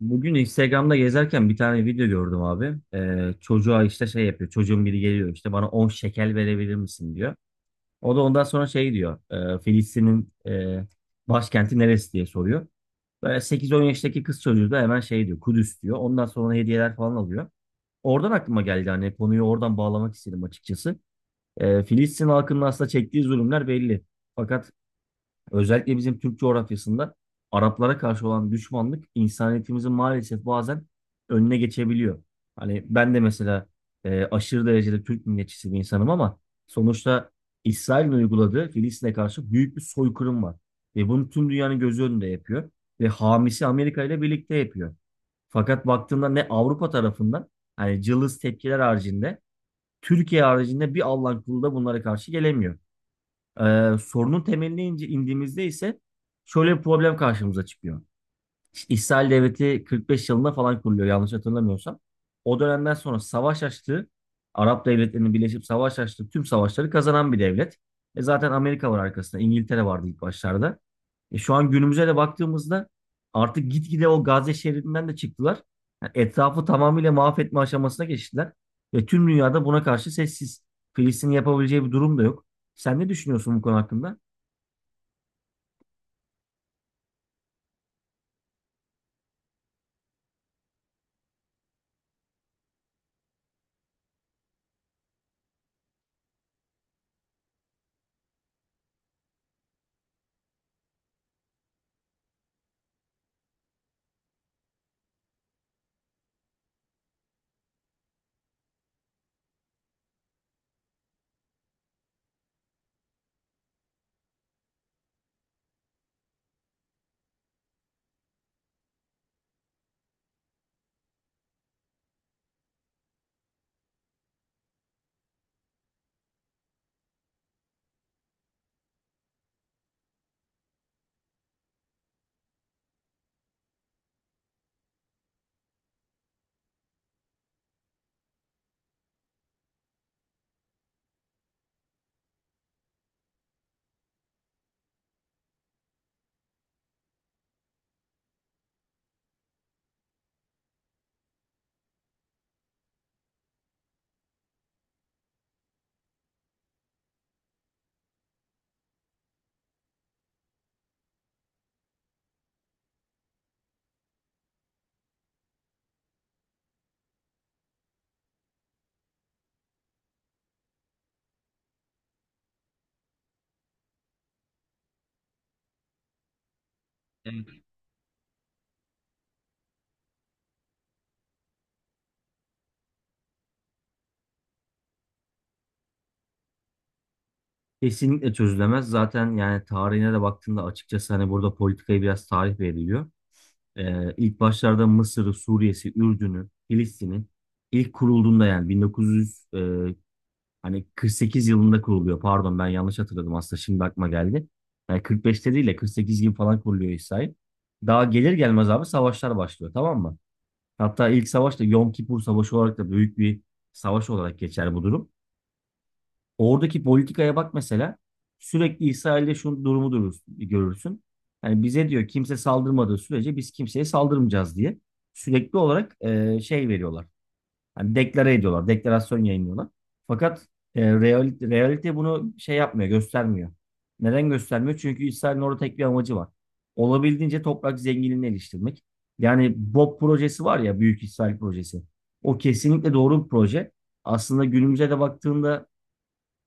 Bugün Instagram'da gezerken bir tane video gördüm abi. Çocuğa işte şey yapıyor. Çocuğun biri geliyor işte bana 10 şekel verebilir misin diyor. O da ondan sonra şey diyor. Filistin'in başkenti neresi diye soruyor. Böyle sekiz on yaştaki kız çocuğu da hemen şey diyor. Kudüs diyor. Ondan sonra hediyeler falan alıyor. Oradan aklıma geldi hani konuyu oradan bağlamak istedim açıkçası. Filistin halkının aslında çektiği zulümler belli. Fakat özellikle bizim Türk coğrafyasında Araplara karşı olan düşmanlık insaniyetimizin maalesef bazen önüne geçebiliyor. Hani ben de mesela aşırı derecede Türk milliyetçisi bir insanım ama sonuçta İsrail'in uyguladığı Filistin'e karşı büyük bir soykırım var. Ve bunu tüm dünyanın gözü önünde yapıyor. Ve hamisi Amerika ile birlikte yapıyor. Fakat baktığında ne Avrupa tarafından hani cılız tepkiler haricinde Türkiye haricinde bir Allah'ın kulu da bunlara karşı gelemiyor. Sorunun temeline ince indiğimizde ise şöyle bir problem karşımıza çıkıyor. İsrail Devleti 45 yılında falan kuruluyor yanlış hatırlamıyorsam. O dönemden sonra savaş açtığı, Arap devletlerinin birleşip savaş açtığı tüm savaşları kazanan bir devlet. Zaten Amerika var arkasında, İngiltere vardı ilk başlarda. Şu an günümüze de baktığımızda artık gitgide o Gazze şeridinden de çıktılar. Yani etrafı tamamıyla mahvetme aşamasına geçtiler. Ve tüm dünyada buna karşı sessiz. Filistin yapabileceği bir durum da yok. Sen ne düşünüyorsun bu konu hakkında? Kesinlikle çözülemez. Zaten yani tarihine de baktığında açıkçası hani burada politikaya biraz tarih veriliyor. İlk başlarda Mısır'ı, Suriye'si, Ürdün'ü, Filistin'i ilk kurulduğunda yani 1900 hani 48 yılında kuruluyor. Pardon ben yanlış hatırladım aslında şimdi aklıma geldi. Yani 45'te değil de 48 gibi falan kuruluyor İsrail. Daha gelir gelmez abi savaşlar başlıyor, tamam mı? Hatta ilk savaş da Yom Kipur Savaşı olarak da büyük bir savaş olarak geçer bu durum. Oradaki politikaya bak mesela. Sürekli İsrail'de şu durumu görürsün. Yani bize diyor, kimse saldırmadığı sürece biz kimseye saldırmayacağız diye. Sürekli olarak şey veriyorlar. Hani deklare ediyorlar, deklarasyon yayınlıyorlar. Fakat realite bunu şey yapmıyor, göstermiyor. Neden göstermiyor? Çünkü İsrail'in orada tek bir amacı var. Olabildiğince toprak zenginliğini eleştirmek. Yani BOP projesi var ya, Büyük İsrail projesi. O kesinlikle doğru bir proje. Aslında günümüze de baktığında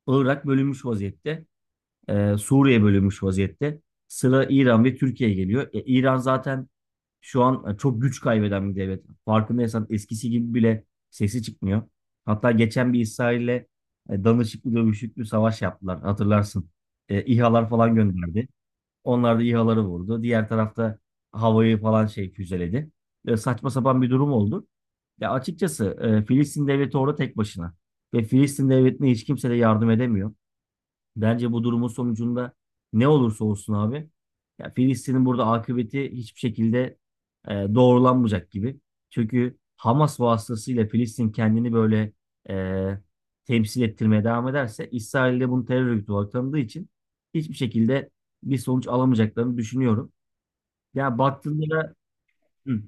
Irak bölünmüş vaziyette. Suriye bölünmüş vaziyette. Sıra İran ve Türkiye geliyor. İran zaten şu an çok güç kaybeden bir devlet. Farkındaysan eskisi gibi bile sesi çıkmıyor. Hatta geçen bir İsrail'le danışıklı dövüşüklü savaş yaptılar, hatırlarsın. İHA'lar falan gönderdi. Onlar da İHA'ları vurdu. Diğer tarafta havayı falan şey füzeledi. Saçma sapan bir durum oldu. Ya açıkçası Filistin devleti orada tek başına. Ve Filistin devletine hiç kimse de yardım edemiyor. Bence bu durumun sonucunda ne olursa olsun abi, ya Filistin'in burada akıbeti hiçbir şekilde doğrulanmayacak gibi. Çünkü Hamas vasıtasıyla Filistin kendini böyle e, temsil ettirmeye devam ederse, İsrail de bunu terör örgütü olarak tanıdığı için hiçbir şekilde bir sonuç alamayacaklarını düşünüyorum. Ya baktığında da. Hı,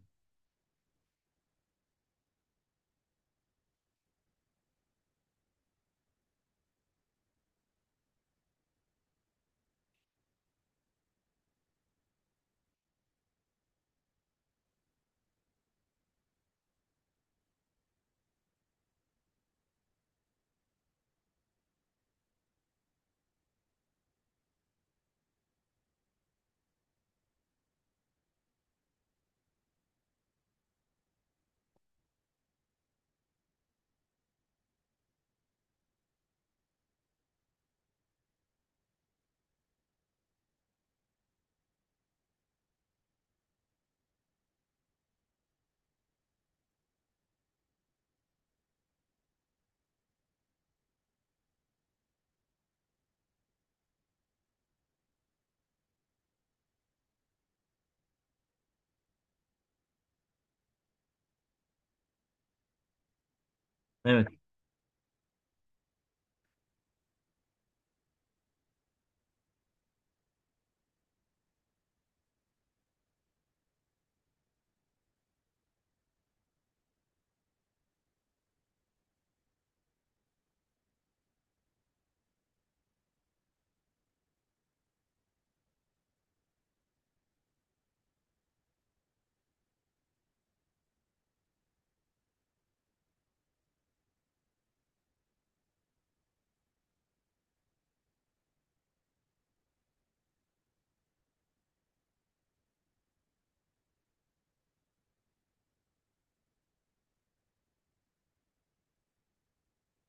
evet,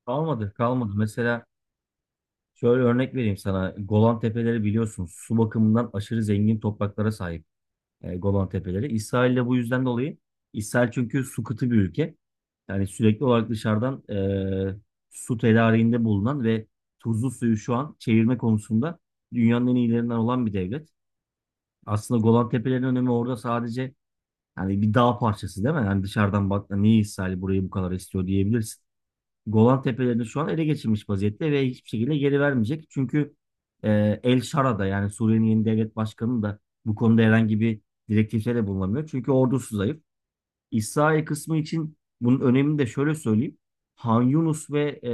kalmadı kalmadı. Mesela şöyle örnek vereyim sana. Golan Tepeleri biliyorsun, su bakımından aşırı zengin topraklara sahip. Golan Tepeleri. İsrail'le bu yüzden dolayı, İsrail çünkü su kıtı bir ülke. Yani sürekli olarak dışarıdan e, su tedariğinde bulunan ve tuzlu suyu şu an çevirme konusunda dünyanın en iyilerinden olan bir devlet. Aslında Golan Tepeleri'nin önemi orada sadece, yani bir dağ parçası değil mi? Yani dışarıdan baktığında niye İsrail burayı bu kadar istiyor diyebilirsin. Golan Tepelerini şu an ele geçirmiş vaziyette ve hiçbir şekilde geri vermeyecek. Çünkü El Şara da, yani Suriye'nin yeni devlet başkanı da, bu konuda herhangi bir direktifte de bulunamıyor. Çünkü ordusu zayıf. İsrail kısmı için bunun önemini de şöyle söyleyeyim. Han Yunus ve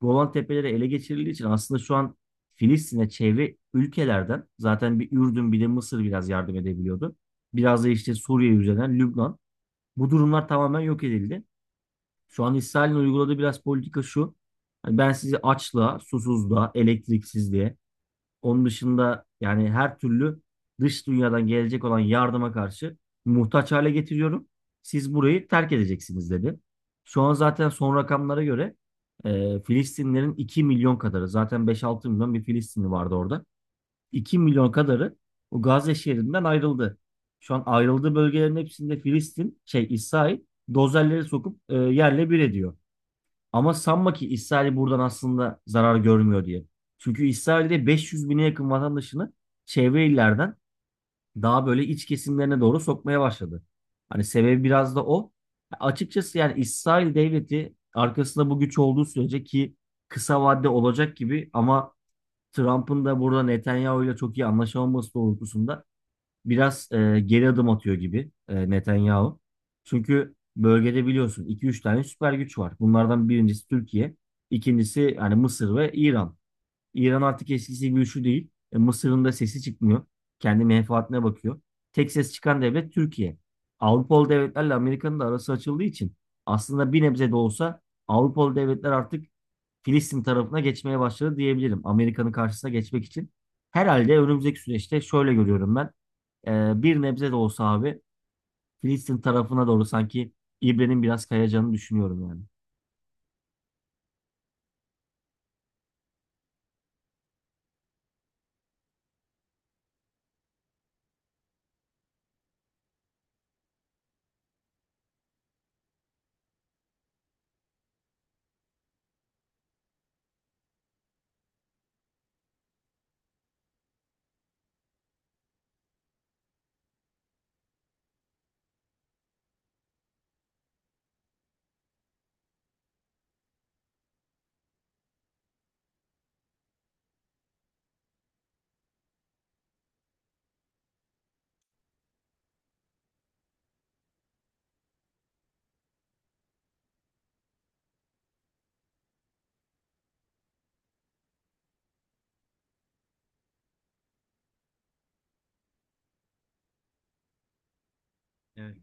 Golan Tepeleri ele geçirildiği için aslında şu an Filistin'e çevre ülkelerden zaten bir Ürdün, bir de Mısır biraz yardım edebiliyordu. Biraz da işte Suriye üzerinden Lübnan. Bu durumlar tamamen yok edildi. Şu an İsrail'in uyguladığı biraz politika şu: hani ben sizi açlığa, susuzluğa, elektriksizliğe, onun dışında yani her türlü dış dünyadan gelecek olan yardıma karşı muhtaç hale getiriyorum. Siz burayı terk edeceksiniz dedi. Şu an zaten son rakamlara göre Filistinlerin 2 milyon kadarı, zaten beş altı milyon bir Filistinli vardı orada. 2 milyon kadarı o Gazze şehrinden ayrıldı. Şu an ayrıldığı bölgelerin hepsinde Filistin, şey İsrail dozerleri sokup yerle bir ediyor. Ama sanma ki İsrail buradan aslında zarar görmüyor diye. Çünkü İsrail'de 500 bine yakın vatandaşını çevre illerden daha böyle iç kesimlerine doğru sokmaya başladı. Hani sebebi biraz da o. Açıkçası yani İsrail devleti arkasında bu güç olduğu sürece, ki kısa vadede olacak gibi, ama Trump'ın da burada Netanyahu ile çok iyi anlaşamaması doğrultusunda biraz geri adım atıyor gibi Netanyahu. Çünkü bölgede biliyorsun iki üç tane süper güç var. Bunlardan birincisi Türkiye, ikincisi hani Mısır ve İran. İran artık eskisi gibi güçlü değil. Mısır'ın da sesi çıkmıyor. Kendi menfaatine bakıyor. Tek ses çıkan devlet Türkiye. Avrupalı devletlerle Amerika'nın da arası açıldığı için aslında bir nebze de olsa Avrupalı devletler artık Filistin tarafına geçmeye başladı diyebilirim. Amerika'nın karşısına geçmek için. Herhalde önümüzdeki süreçte şöyle görüyorum ben. Bir nebze de olsa abi Filistin tarafına doğru sanki İbre'nin biraz kayacağını düşünüyorum yani. Evet.